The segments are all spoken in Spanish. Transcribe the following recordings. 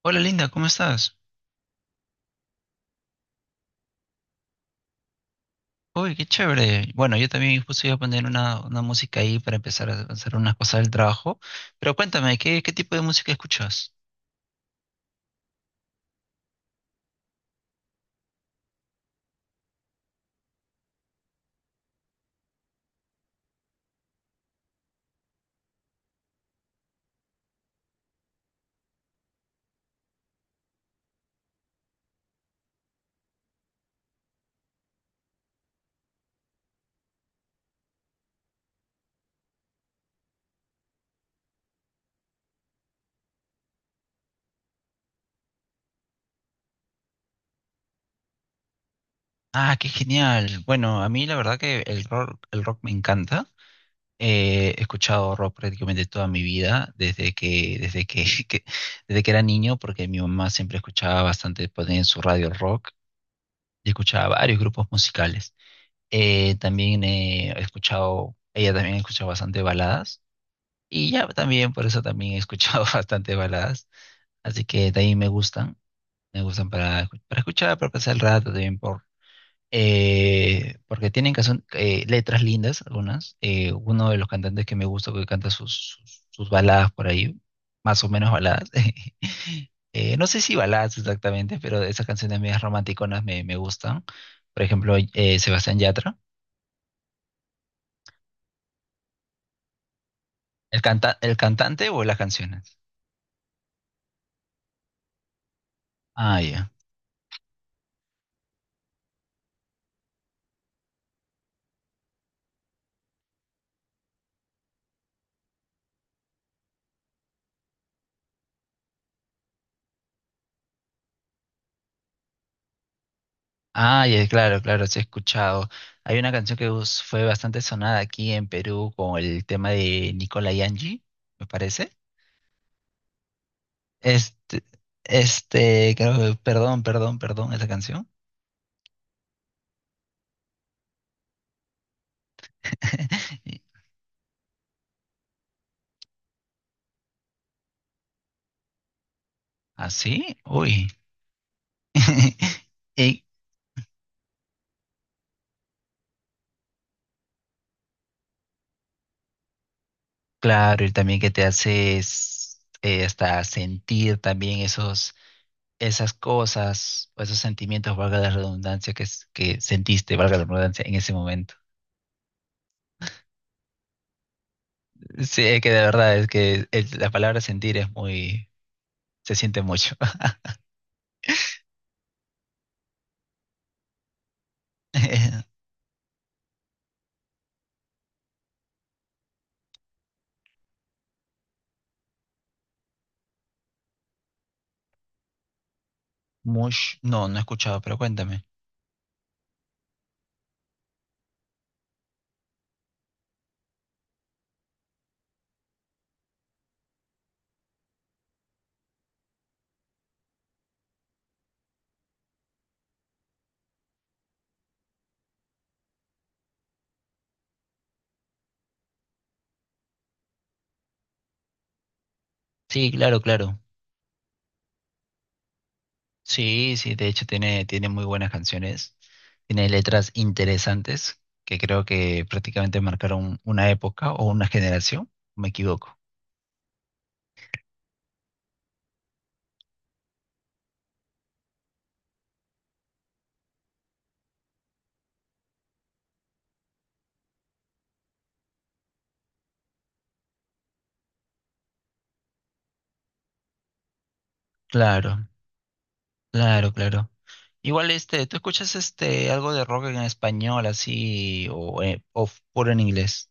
Hola Linda, ¿cómo estás? Uy, qué chévere. Bueno, yo también justo iba a poner una música ahí para empezar a hacer unas cosas del trabajo. Pero cuéntame, ¿qué tipo de música escuchas? Ah, qué genial. Bueno, a mí la verdad que el rock me encanta. He escuchado rock prácticamente toda mi vida, desde que, que- desde que era niño, porque mi mamá siempre escuchaba bastante, ponía en su radio rock y escuchaba varios grupos musicales. También He escuchado, ella también ha escuchado bastante baladas. Y ya también, por eso también he escuchado bastante baladas. Así que de ahí me gustan. Me gustan para escuchar, para pasar el rato, porque tienen letras lindas algunas. Uno de los cantantes que me gusta que canta sus baladas por ahí, más o menos baladas. No sé si baladas exactamente, pero esas canciones medias romanticonas me gustan. Por ejemplo, Sebastián Yatra. ¿El cantante o las canciones? Ah, ya. Ah, ya, claro, claro, sí he escuchado. Hay una canción fue bastante sonada aquí en Perú con el tema de Nicola Angie, me parece. Este, Perdón, perdón, perdón, esa canción. ¿Así? Uy. Y claro, y también que te haces hasta sentir también esos, esas cosas, o esos sentimientos, valga la redundancia, que sentiste, valga la redundancia, en ese momento. Sí, es que de verdad, es que la palabra sentir es muy, se siente mucho. Eh, Mush, no, no he escuchado, pero cuéntame. Sí, claro, claro. Sí, sí, de hecho tiene muy buenas canciones, tiene letras interesantes que creo que prácticamente marcaron una época o una generación, me equivoco. Claro, claro, claro. Igual este, ¿tú escuchas este algo de rock en español así o, puro en inglés?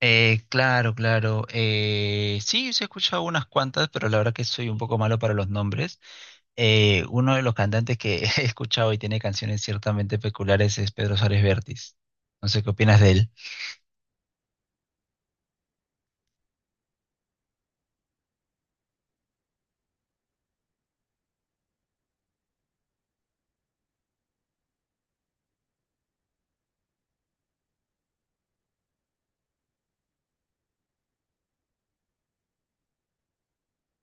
Claro, claro. Sí, sí he escuchado unas cuantas, pero la verdad que soy un poco malo para los nombres. Uno de los cantantes que he escuchado y tiene canciones ciertamente peculiares es Pedro Suárez Vértiz. No sé qué opinas de él.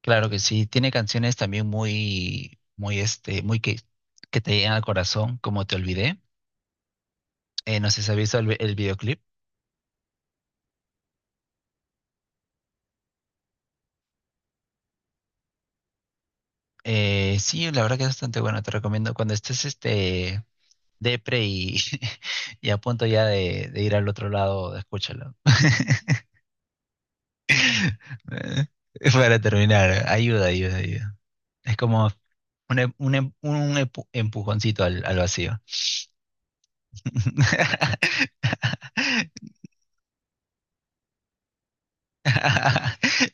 Claro que sí, tiene canciones también muy que te llegan al corazón, como Te Olvidé. No sé si has visto el videoclip. Sí, la verdad que es bastante bueno, te recomiendo. Cuando estés este, depre y, y a punto ya de ir al otro lado, escúchalo. Para terminar, ayuda, ayuda, ayuda. Es como un, empujoncito al vacío.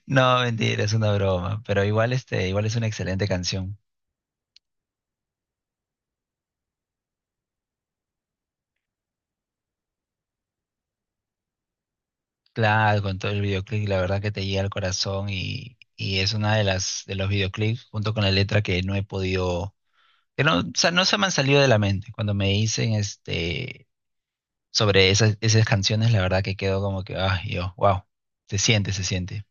No, mentira, es una broma, pero igual este, igual es una excelente canción. Claro, con todo el videoclip, la verdad que te llega al corazón y es una de las de los videoclips junto con la letra que no he podido que no, o sea, no se me han salido de la mente. Cuando me dicen este, sobre esas canciones, la verdad que quedo como que, ah, yo, wow, se siente, se siente.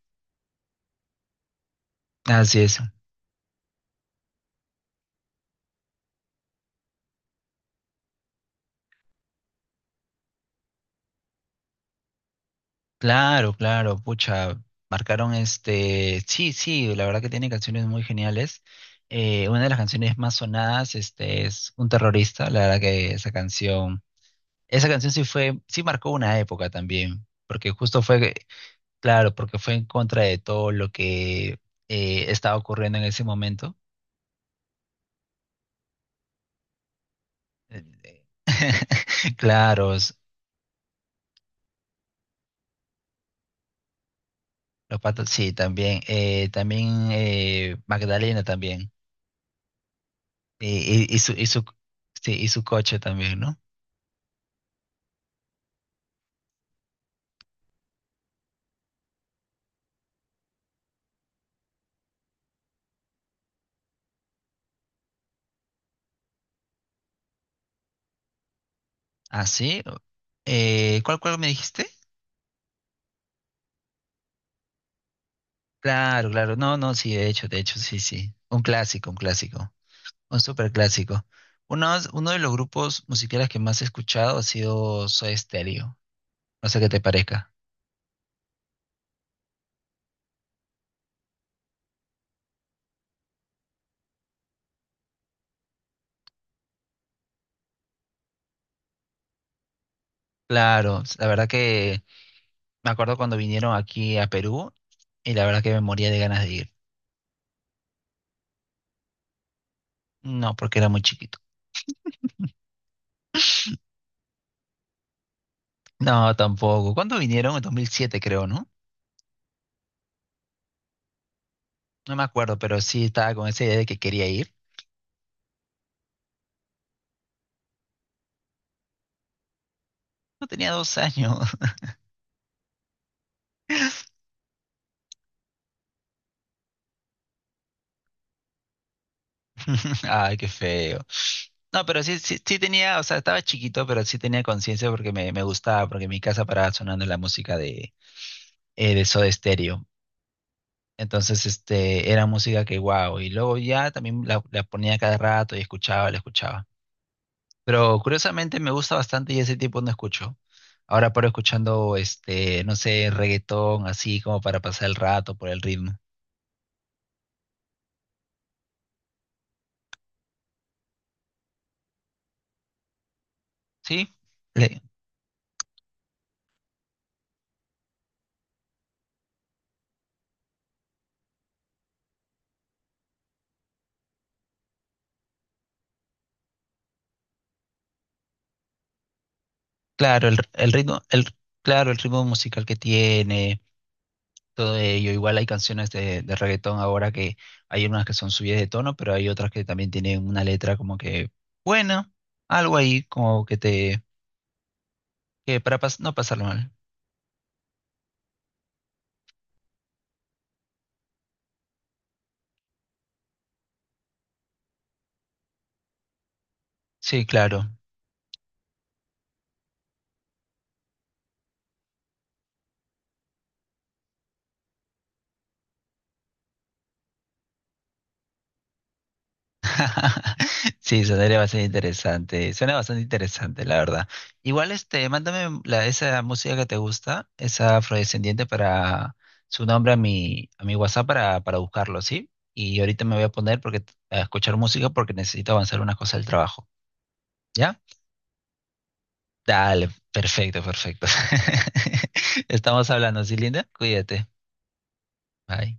Así es. Claro, claro, pucha, marcaron este, sí, sí, la verdad que tiene canciones muy geniales. Una de las canciones más sonadas, este, es Un terrorista, la verdad que esa canción sí fue, sí marcó una época también, porque justo fue, claro, porque fue en contra de todo lo que estaba ocurriendo en ese momento. Eh, claro, s- los patos, sí, también. Magdalena también. Y su, sí, y su coche también, ¿no? Ah, sí. ¿Cuál me dijiste? Claro, claro. No, no, sí, de hecho, sí, sí. Un clásico, un clásico. Un súper clásico. Uno de los grupos musicales que más he escuchado ha sido Soda Stereo. No sé qué te parezca. Claro, la verdad que me acuerdo cuando vinieron aquí a Perú y la verdad que me moría de ganas de ir. No, porque era muy chiquito. No, tampoco. ¿Cuándo vinieron? En 2007, creo, ¿no? No me acuerdo, pero sí estaba con esa idea de que quería ir. No tenía dos años. Ay, qué feo. No, pero sí, sí, sí tenía, o sea, estaba chiquito, pero sí tenía conciencia porque me gustaba, porque en mi casa paraba sonando la música de Soda Stereo. Entonces, este, era música que, wow, y luego ya también la ponía cada rato y escuchaba, la escuchaba. Pero curiosamente me gusta bastante y ese tipo no escucho. Ahora paro escuchando, este, no sé, reggaetón, así como para pasar el rato por el ritmo. ¿Sí? Le- claro, el ritmo, el, claro, el ritmo musical que tiene, todo ello. Igual hay canciones de reggaetón ahora que hay unas que son subidas de tono, pero hay otras que también tienen una letra como que buena, algo ahí como que te, no pasarlo mal. Sí, claro. Sí, sonaría bastante interesante. Suena bastante interesante, la verdad. Igual, este, mándame la, esa música que te gusta, esa afrodescendiente para su nombre a a mi WhatsApp para buscarlo, ¿sí? Y ahorita me voy a poner porque, a escuchar música porque necesito avanzar unas cosas del trabajo. ¿Ya? Dale, perfecto, perfecto. Estamos hablando, ¿sí, Linda? Cuídate. Bye.